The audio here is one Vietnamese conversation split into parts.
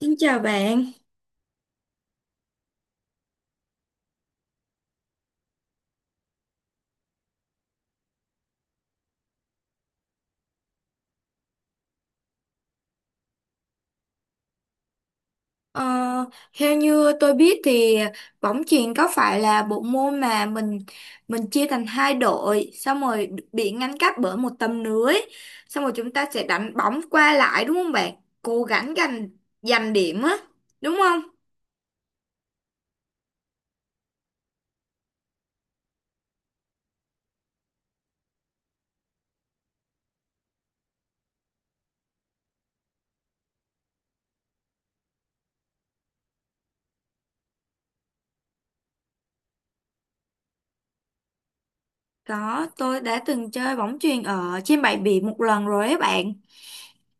Xin chào bạn. Ờ, Theo như tôi biết thì bóng chuyền có phải là bộ môn mà mình chia thành hai đội, xong rồi bị ngăn cách bởi một tấm lưới, xong rồi chúng ta sẽ đánh bóng qua lại đúng không bạn? Cố gắng giành giành điểm á, đúng không? Có, tôi đã từng chơi bóng chuyền ở trên bãi biển một lần rồi ấy bạn.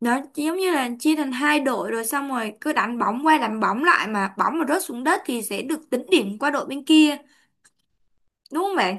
Nó giống như là chia thành hai đội rồi xong rồi cứ đánh bóng qua đánh bóng lại, mà bóng mà rớt xuống đất thì sẽ được tính điểm qua đội bên kia, đúng không bạn?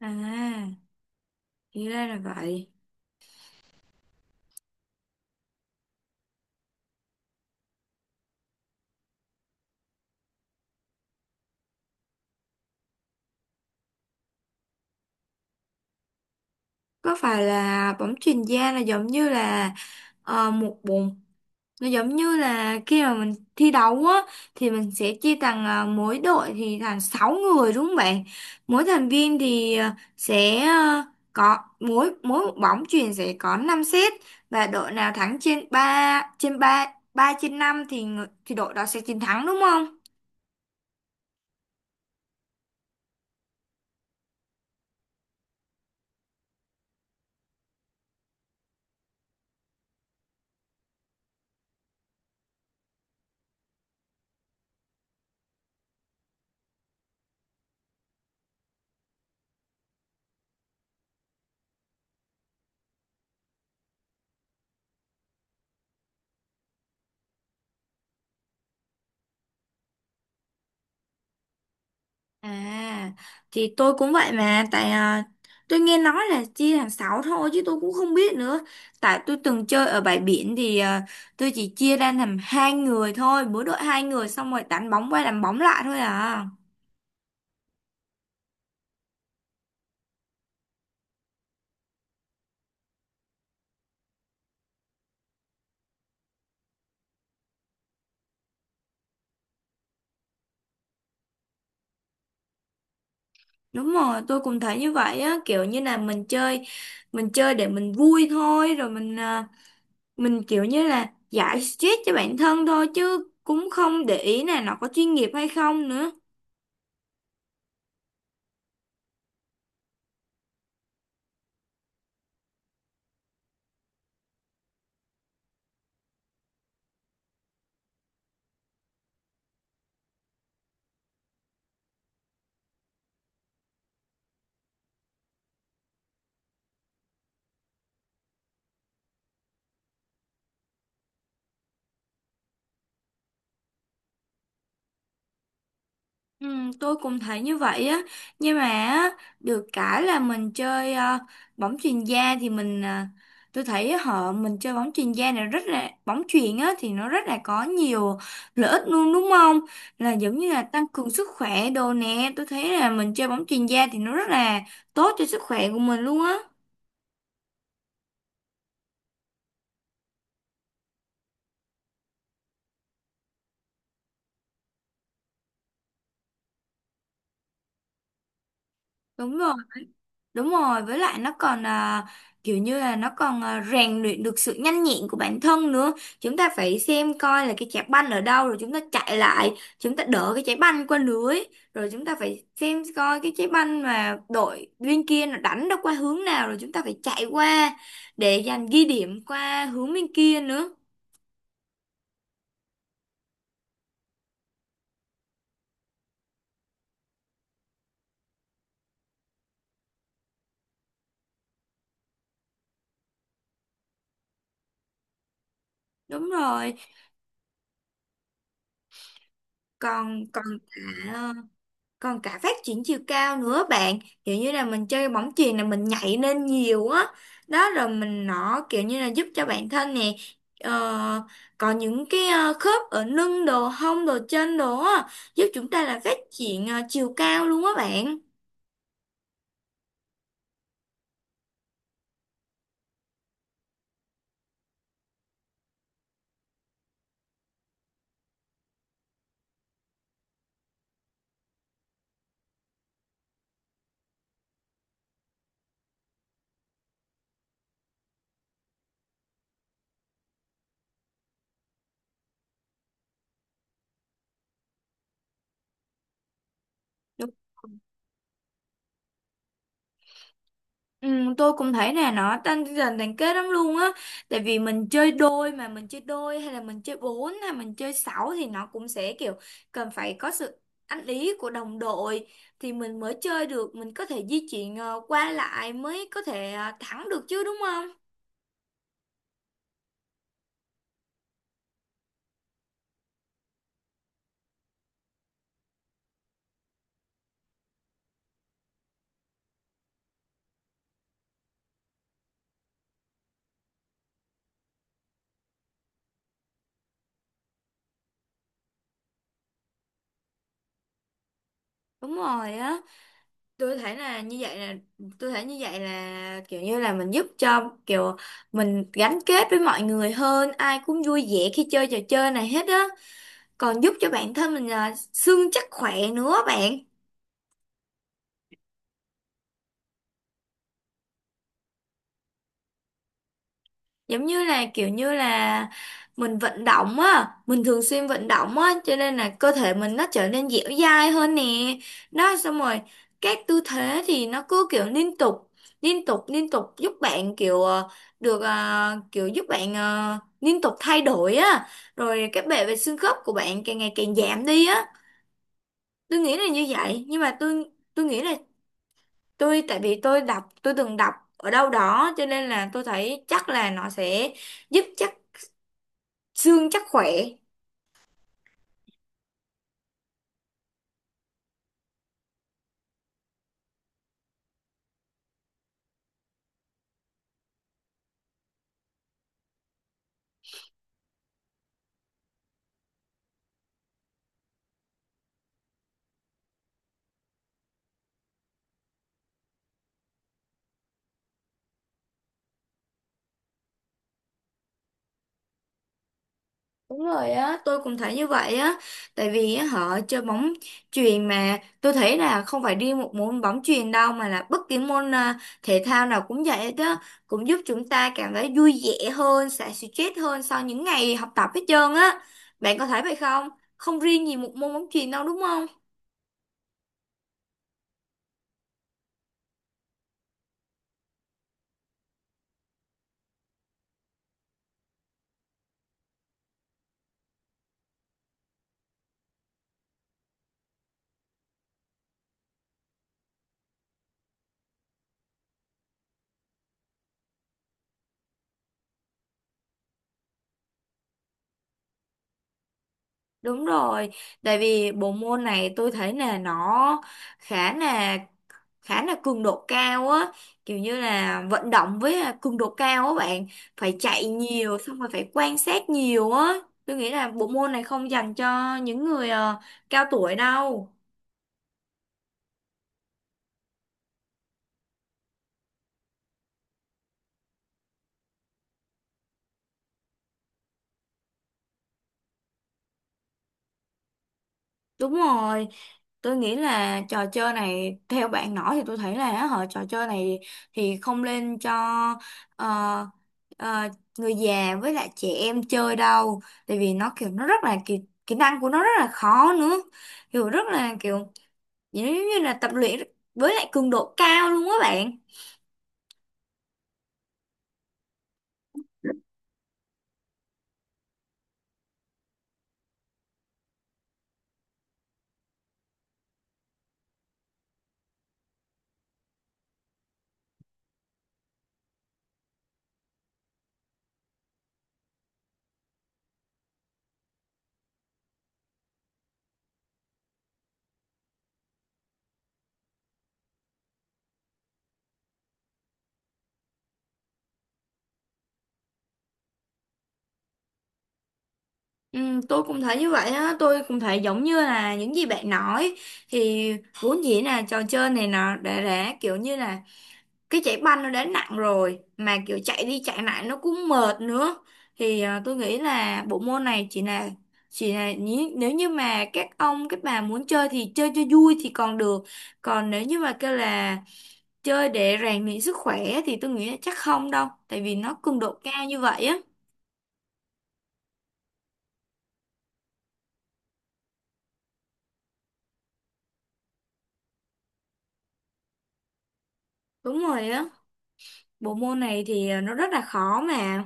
À, thì ra là vậy. Có phải là bóng chuyền da là giống như là một bụng, nó giống như là khi mà mình thi đấu á thì mình sẽ chia thành mỗi đội thì thành 6 người đúng không bạn? Mỗi thành viên thì sẽ có mỗi mỗi một bóng chuyền sẽ có 5 set, và đội nào thắng trên 3 3 trên 5 thì thì đội đó sẽ chiến thắng đúng không? À, thì tôi cũng vậy mà, tôi nghe nói là chia thành 6 thôi chứ tôi cũng không biết nữa. Tại tôi từng chơi ở bãi biển thì tôi chỉ chia ra làm hai người thôi, mỗi đội hai người xong rồi đánh bóng qua đánh bóng lại thôi à. Đúng rồi, tôi cũng thấy như vậy á, kiểu như là mình chơi để mình vui thôi rồi mình kiểu như là giải stress cho bản thân thôi chứ cũng không để ý là nó có chuyên nghiệp hay không nữa. Ừ, tôi cũng thấy như vậy á, nhưng mà á, được cái là mình chơi bóng chuyền da thì tôi thấy họ mình chơi bóng chuyền da này rất là bóng chuyền á, thì nó rất là có nhiều lợi ích luôn đúng không, là giống như là tăng cường sức khỏe đồ nè, tôi thấy là mình chơi bóng chuyền da thì nó rất là tốt cho sức khỏe của mình luôn á. Đúng rồi. Đúng rồi, với lại nó còn kiểu như là nó còn rèn luyện được sự nhanh nhẹn của bản thân nữa. Chúng ta phải xem coi là cái trái banh ở đâu rồi chúng ta chạy lại, chúng ta đỡ cái trái banh qua lưới, rồi chúng ta phải xem coi cái trái banh mà đội bên kia nó đánh nó qua hướng nào rồi chúng ta phải chạy qua để giành ghi điểm qua hướng bên kia nữa. Đúng rồi, còn cả còn cả phát triển chiều cao nữa bạn, kiểu như là mình chơi bóng chuyền là mình nhảy lên nhiều á, đó rồi mình nó kiểu như là giúp cho bản thân nè, ờ, có những cái khớp ở lưng đồ hông đồ chân đồ á, giúp chúng ta là phát triển chiều cao luôn á bạn. Ừ, tôi cũng thấy nè, nó tăng dần thành kết lắm luôn á, tại vì mình chơi đôi hay là mình chơi bốn hay mình chơi sáu thì nó cũng sẽ kiểu cần phải có sự ăn ý của đồng đội thì mình mới chơi được, mình có thể di chuyển qua lại mới có thể thắng được chứ đúng không. Đúng rồi á, tôi thấy là như vậy là tôi thấy như vậy là kiểu như là mình giúp cho kiểu mình gắn kết với mọi người hơn, ai cũng vui vẻ khi chơi trò chơi này hết á, còn giúp cho bản thân mình là xương chắc khỏe nữa bạn. Giống như là kiểu như là mình vận động á, mình thường xuyên vận động á cho nên là cơ thể mình nó trở nên dẻo dai hơn nè, đó xong rồi các tư thế thì nó cứ kiểu liên tục giúp bạn kiểu được kiểu giúp bạn liên tục thay đổi á, rồi cái bệ về xương khớp của bạn càng ngày càng giảm đi á. Tôi nghĩ là như vậy, nhưng mà tôi nghĩ là tôi tại vì tôi từng đọc ở đâu đó cho nên là tôi thấy chắc là nó sẽ giúp chắc xương chắc khỏe. Đúng rồi á, tôi cũng thấy như vậy á, tại vì á, họ chơi bóng chuyền mà tôi thấy là không phải riêng một môn bóng chuyền đâu, mà là bất kỳ môn thể thao nào cũng vậy hết á, cũng giúp chúng ta cảm thấy vui vẻ hơn, xả stress hơn sau những ngày học tập hết trơn á. Bạn có thấy vậy không, không riêng gì một môn bóng chuyền đâu đúng không? Đúng rồi, tại vì bộ môn này tôi thấy là nó khá là khá là cường độ cao á, kiểu như là vận động với là cường độ cao á bạn, phải chạy nhiều xong rồi phải quan sát nhiều á. Tôi nghĩ là bộ môn này không dành cho những người cao tuổi đâu. Đúng rồi, tôi nghĩ là trò chơi này theo bạn nói thì tôi thấy là á, trò chơi này thì không nên cho ờ, ờ, người già với lại trẻ em chơi đâu, tại vì nó kiểu nó rất là kỹ, kỹ năng của nó rất là khó nữa, kiểu rất là kiểu giống như là tập luyện với lại cường độ cao luôn á bạn. Ừ, tôi cũng thấy như vậy á, tôi cũng thấy giống như là những gì bạn nói thì vốn dĩ là trò chơi này nó đã kiểu như là cái chạy banh nó đã nặng rồi mà kiểu chạy đi chạy lại nó cũng mệt nữa, thì tôi nghĩ là bộ môn này nếu như mà các ông các bà muốn chơi thì chơi cho vui thì còn được, còn nếu như mà kêu là chơi để rèn luyện sức khỏe thì tôi nghĩ là chắc không đâu, tại vì nó cường độ cao như vậy á. Đúng rồi á, bộ môn này thì nó rất là khó mà.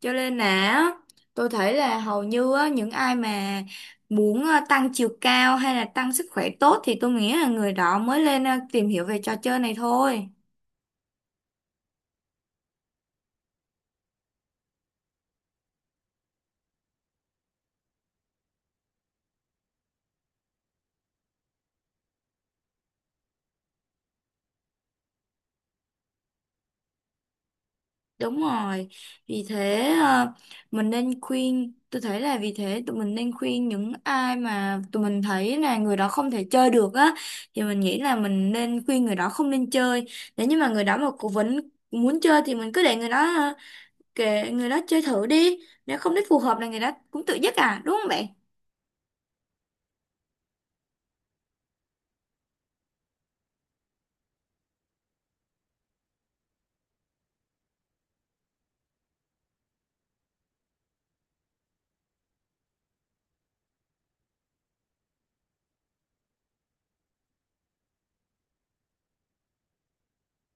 Cho nên là á, tôi thấy là hầu như á, những ai mà muốn tăng chiều cao hay là tăng sức khỏe tốt thì tôi nghĩ là người đó mới lên tìm hiểu về trò chơi này thôi. Đúng rồi. Vì thế tôi thấy là vì thế tụi mình nên khuyên những ai mà tụi mình thấy là người đó không thể chơi được á, thì mình nghĩ là mình nên khuyên người đó không nên chơi. Nếu như mà người đó mà cố vấn muốn chơi thì mình cứ để người đó, kệ người đó chơi thử đi, nếu không thấy phù hợp là người đó cũng tự dứt à đúng không bạn?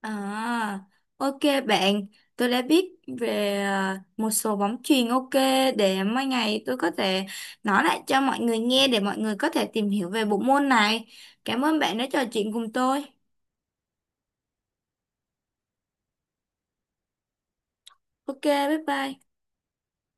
À, ok bạn, tôi đã biết về một số bóng chuyền. Ok, để mai ngày tôi có thể nói lại cho mọi người nghe để mọi người có thể tìm hiểu về bộ môn này. Cảm ơn bạn đã trò chuyện cùng tôi. Ok, bye bye.